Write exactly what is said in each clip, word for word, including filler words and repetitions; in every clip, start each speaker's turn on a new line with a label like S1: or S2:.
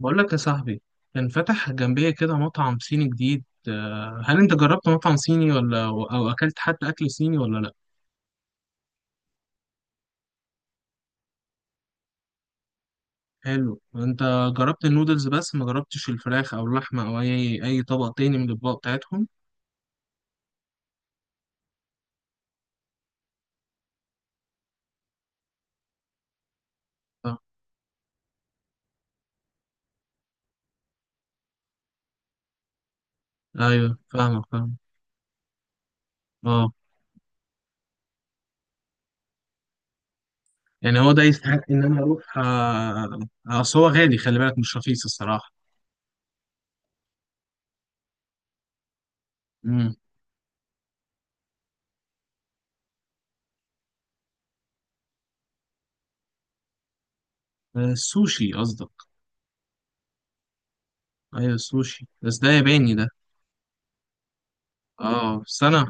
S1: بقول لك يا صاحبي، كان فتح جنبية كده مطعم صيني جديد. آه، هل انت جربت مطعم صيني ولا او اكلت حتى اكل صيني ولا لا؟ حلو. انت جربت النودلز بس ما جربتش الفراخ او اللحمة او اي اي طبق تاني من الاطباق بتاعتهم. آه، ايوه، فاهمك فاهم. اه يعني هو ده يستحق ان انا اروح آه، آه، اصل هو غالي، خلي بالك مش رخيص الصراحة. امم. السوشي قصدك؟ ايوه، السوشي بس ده ياباني ده. اه، سنة.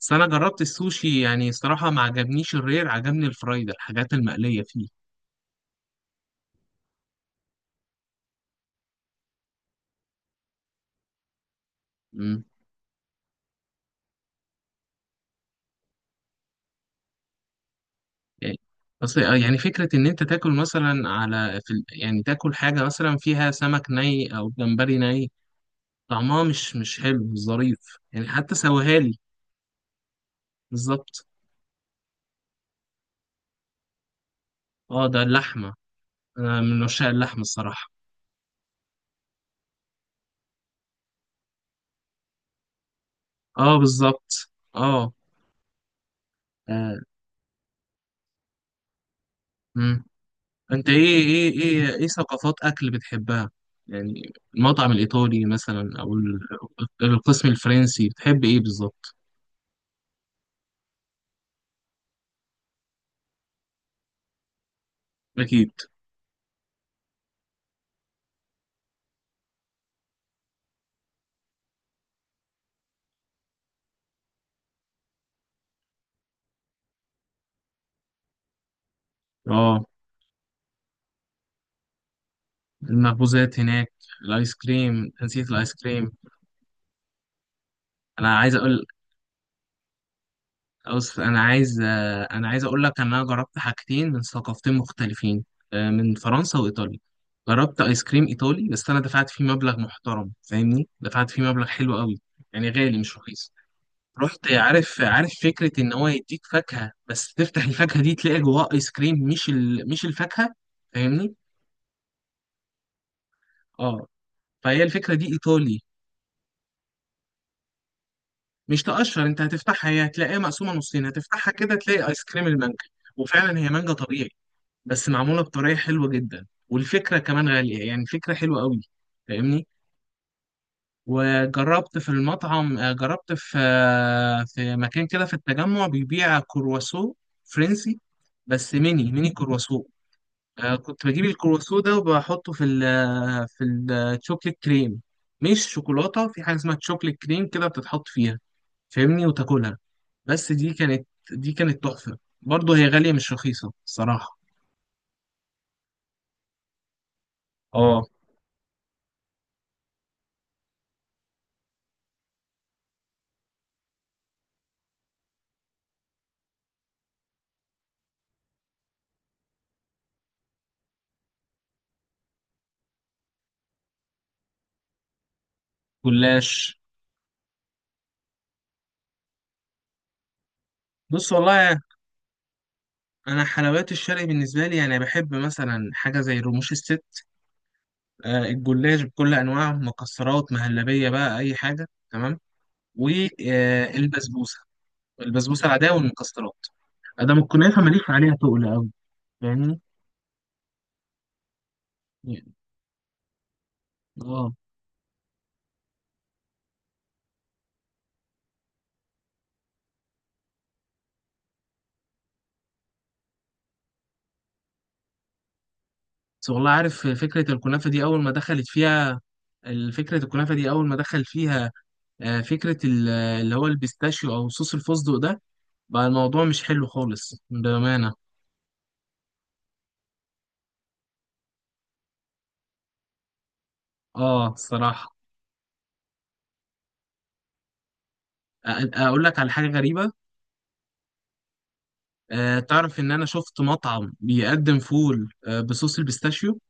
S1: بس انا جربت السوشي، يعني الصراحه ما عجبنيش الرير، عجبني الفرايد، الحاجات المقليه فيه. امم. يعني اصل يعني فكره ان انت تاكل مثلا على في ال- يعني تاكل حاجه مثلا فيها سمك ني او جمبري ني. طعمها مش مش حلو، مش ظريف. يعني حتى سويها لي. بالظبط. اه، ده اللحمه. انا من عشاق اللحمه الصراحه. اه، بالظبط. اه. آه. امم. انت ايه؟ ايه ايه ايه ثقافات اكل بتحبها؟ يعني المطعم الايطالي مثلا، او ال- القسم الفرنسي، بتحب ايه بالظبط؟ اكيد. اه، المخبوزات هناك. الايس كريم، نسيت الايس كريم. انا عايز اقول أوصف انا عايز آه، انا عايز اقول لك ان انا جربت حاجتين من ثقافتين مختلفين. آه، من فرنسا وايطاليا. جربت ايس كريم ايطالي، بس انا دفعت فيه مبلغ محترم، فاهمني، دفعت فيه مبلغ حلو قوي. يعني غالي مش رخيص. رحت، عارف عارف فكرة إن هو يديك فاكهة، بس تفتح الفاكهة دي تلاقي جواها آيس كريم، مش ال... مش الفاكهة. فاهمني؟ أه. فهي الفكرة دي إيطالي. مش تقشر، أنت هتفتحها، هي هتلاقيها مقسومة نصين، هتفتحها كده تلاقي آيس كريم المانجا. وفعلا هي مانجا طبيعي. بس معمولة بطريقة حلوة جدا، والفكرة كمان غالية، يعني فكرة حلوة قوي. فاهمني؟ وجربت في المطعم آه، جربت في آه، في مكان كده في التجمع بيبيع كرواسو فرنسي. بس ميني ميني كرواسو. آه، كنت بجيب الكروسو سودا وبحطه في ال في الشوكليت كريم. مش شوكولاتة، في حاجة اسمها تشوكليت كريم كده بتتحط فيها، فاهمني، وتاكلها. بس دي كانت دي كانت تحفة برضه، هي غالية مش رخيصة الصراحة. اه، جلاش. بص والله، انا حلويات الشرق بالنسبة لي يعني بحب مثلا حاجة زي رموش الست. آه، الجلاش بكل انواعه، مكسرات، مهلبية، بقى اي حاجة تمام. والبسبوسة البسبوسة العادية والمكسرات. ادام الكنافة ماليش عليها تقل. فاهمني. اه. بس والله، عارف فكرة الكنافة دي أول ما دخلت فيها. فكرة الكنافة دي أول ما دخل فيها. آه، فكرة ال- اللي هو البيستاشيو أو صوص الفستق ده، بقى الموضوع مش حلو خالص بأمانة. اه، الصراحة. أ- أقول لك على حاجة غريبة. آه، تعرف إن أنا شفت مطعم بيقدم فول آه، بصوص البيستاشيو.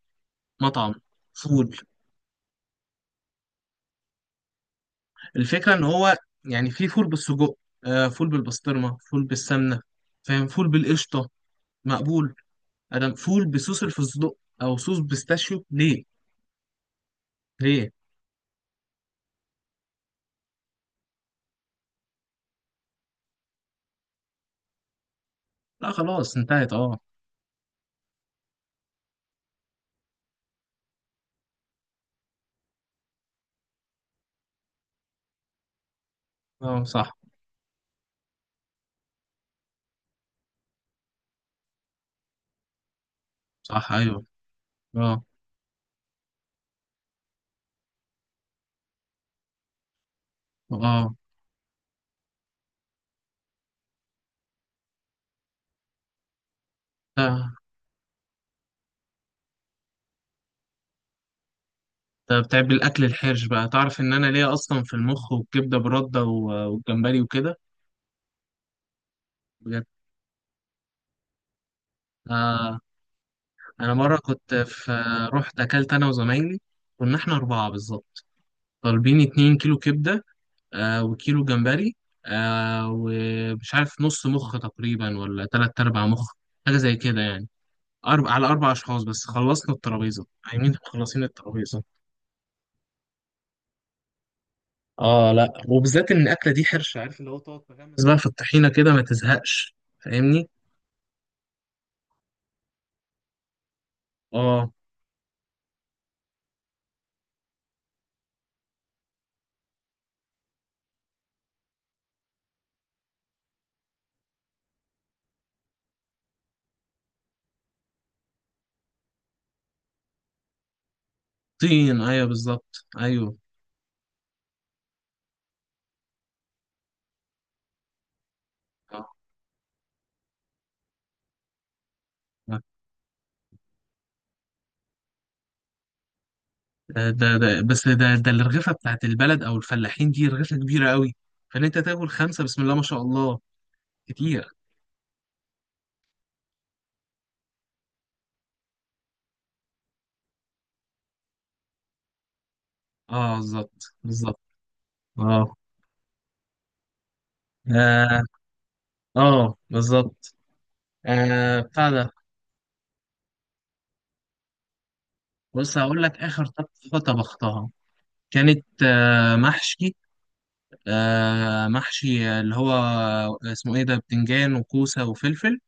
S1: مطعم فول. الفكرة إن هو يعني في فول بالسجق، آه، فول بالبسطرمة، فول بالسمنة، فاهم، فول بالقشطة، مقبول. انا مقفول بصوص الفستق او صوص بيستاشيو ليه؟ ليه؟ لا خلاص انتهت. اه. اه، صح. صح، ايوه، اه. اه. ده ده بتعب الاكل الحرش بقى، تعرف ان انا ليا اصلا في المخ والكبده برده و- والجمبري وكده. بجد. آه. انا مره كنت في رحت اكلت انا وزمايلي. كنا احنا اربعه بالظبط. طالبين اتنين كيلو كبده، آه وكيلو جمبري، آه ومش عارف نص مخ تقريبا ولا تلات ارباع مخ. حاجه زي كده يعني. أرب... على أربع أشخاص بس، خلصنا الترابيزة عايمين، مخلصين الترابيزة. آه لأ، وبالذات إن الأكلة دي حرش، عارف اللي هو تقعد تغمس بقى في الطحينة كده ما تزهقش. فاهمني؟ آه. طين، أيوه بالظبط أيوه. آه. ده ده ده- بس ده ده الرغيفة بتاعت البلد أو الفلاحين دي رغيفة كبيرة قوي. فإن أنت تاكل خمسة، بسم الله ما شاء الله. كتير. آه بالظبط بالظبط. آه. آه, آه، بالظبط. آه، بتاع ده. بص، هقول لك آخر طبخة طبختها. كانت آه، محشي آه، محشي اللي هو اسمه ايه ده، بتنجان وكوسة وفلفل.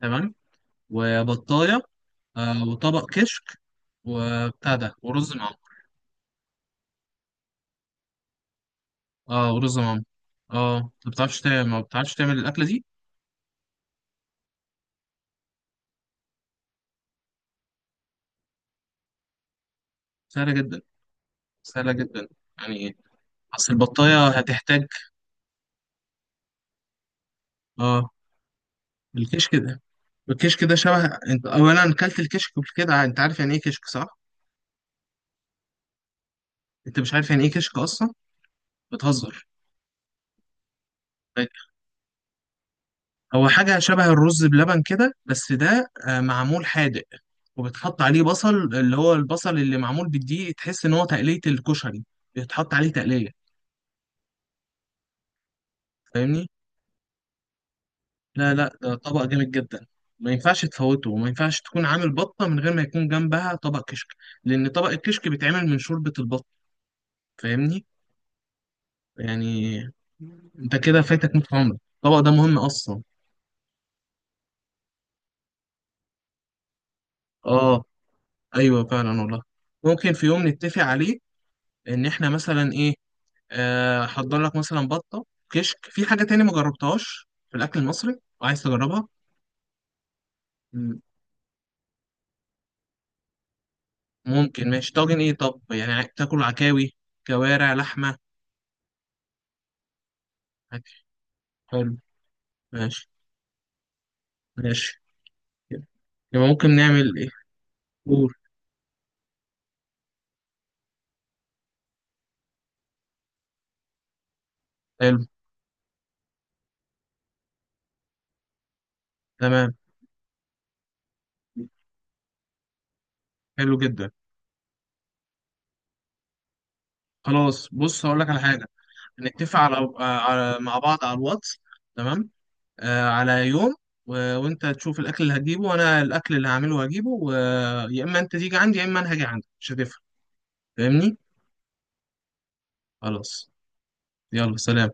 S1: تمام. وبطاية، آه، وطبق كشك وبتاع ده ورز معمر. اه، ورز معمر. اه، انت ما بتعرفش تعمل ما بتعرفش تعمل الأكلة دي. سهلة جدا، سهلة جدا. يعني ايه؟ اصل البطاية هتحتاج. اه، الكشك ده، الكشك ده شبه. انت اولا اكلت الكشك قبل كده؟ انت عارف يعني ايه كشك، صح؟ انت مش عارف يعني ايه كشك اصلا؟ بتهزر. هو حاجة شبه الرز بلبن كده، بس ده آه، معمول حادق. وبتحط عليه بصل، اللي هو البصل اللي معمول بالدقيق، تحس إن هو تقلية الكشري. بيتحط عليه تقلية. فاهمني؟ لا، لا، ده طبق جامد جدا. ما ينفعش تفوته، وما ينفعش تكون عامل بطة من غير ما يكون جنبها طبق كشك. لأن طبق الكشك بيتعمل من شوربة البط. فاهمني؟ يعني أنت كده فايتك نص عمرك، الطبق ده مهم أصلا. آه، أيوه فعلا والله. ممكن في يوم نتفق عليه، إن إحنا مثلا إيه، آه، هحضر لك مثلا بطه كشك، في حاجه تاني ما جربتهاش في الاكل المصري وعايز تجربها؟ مم. ممكن، ماشي. طاجن ايه؟ طب يعني عاي- تاكل عكاوي، كوارع لحمه؟ عادي. حلو. ماشي. ماشي. يبقى ممكن نعمل ايه؟ قول. حلو. تمام. حلو جدا. خلاص، بص، هقول لك على حاجه. نتفق على, آه، على مع بعض على الواتس. تمام. آه على يوم. و... وانت تشوف الاكل اللي هتجيبه، وانا الاكل اللي هعمله هجيبه، و... يا اما انت تيجي عندي، يا اما انا هاجي عندك، مش هتفرق. فاهمني. خلاص. يلا، سلام.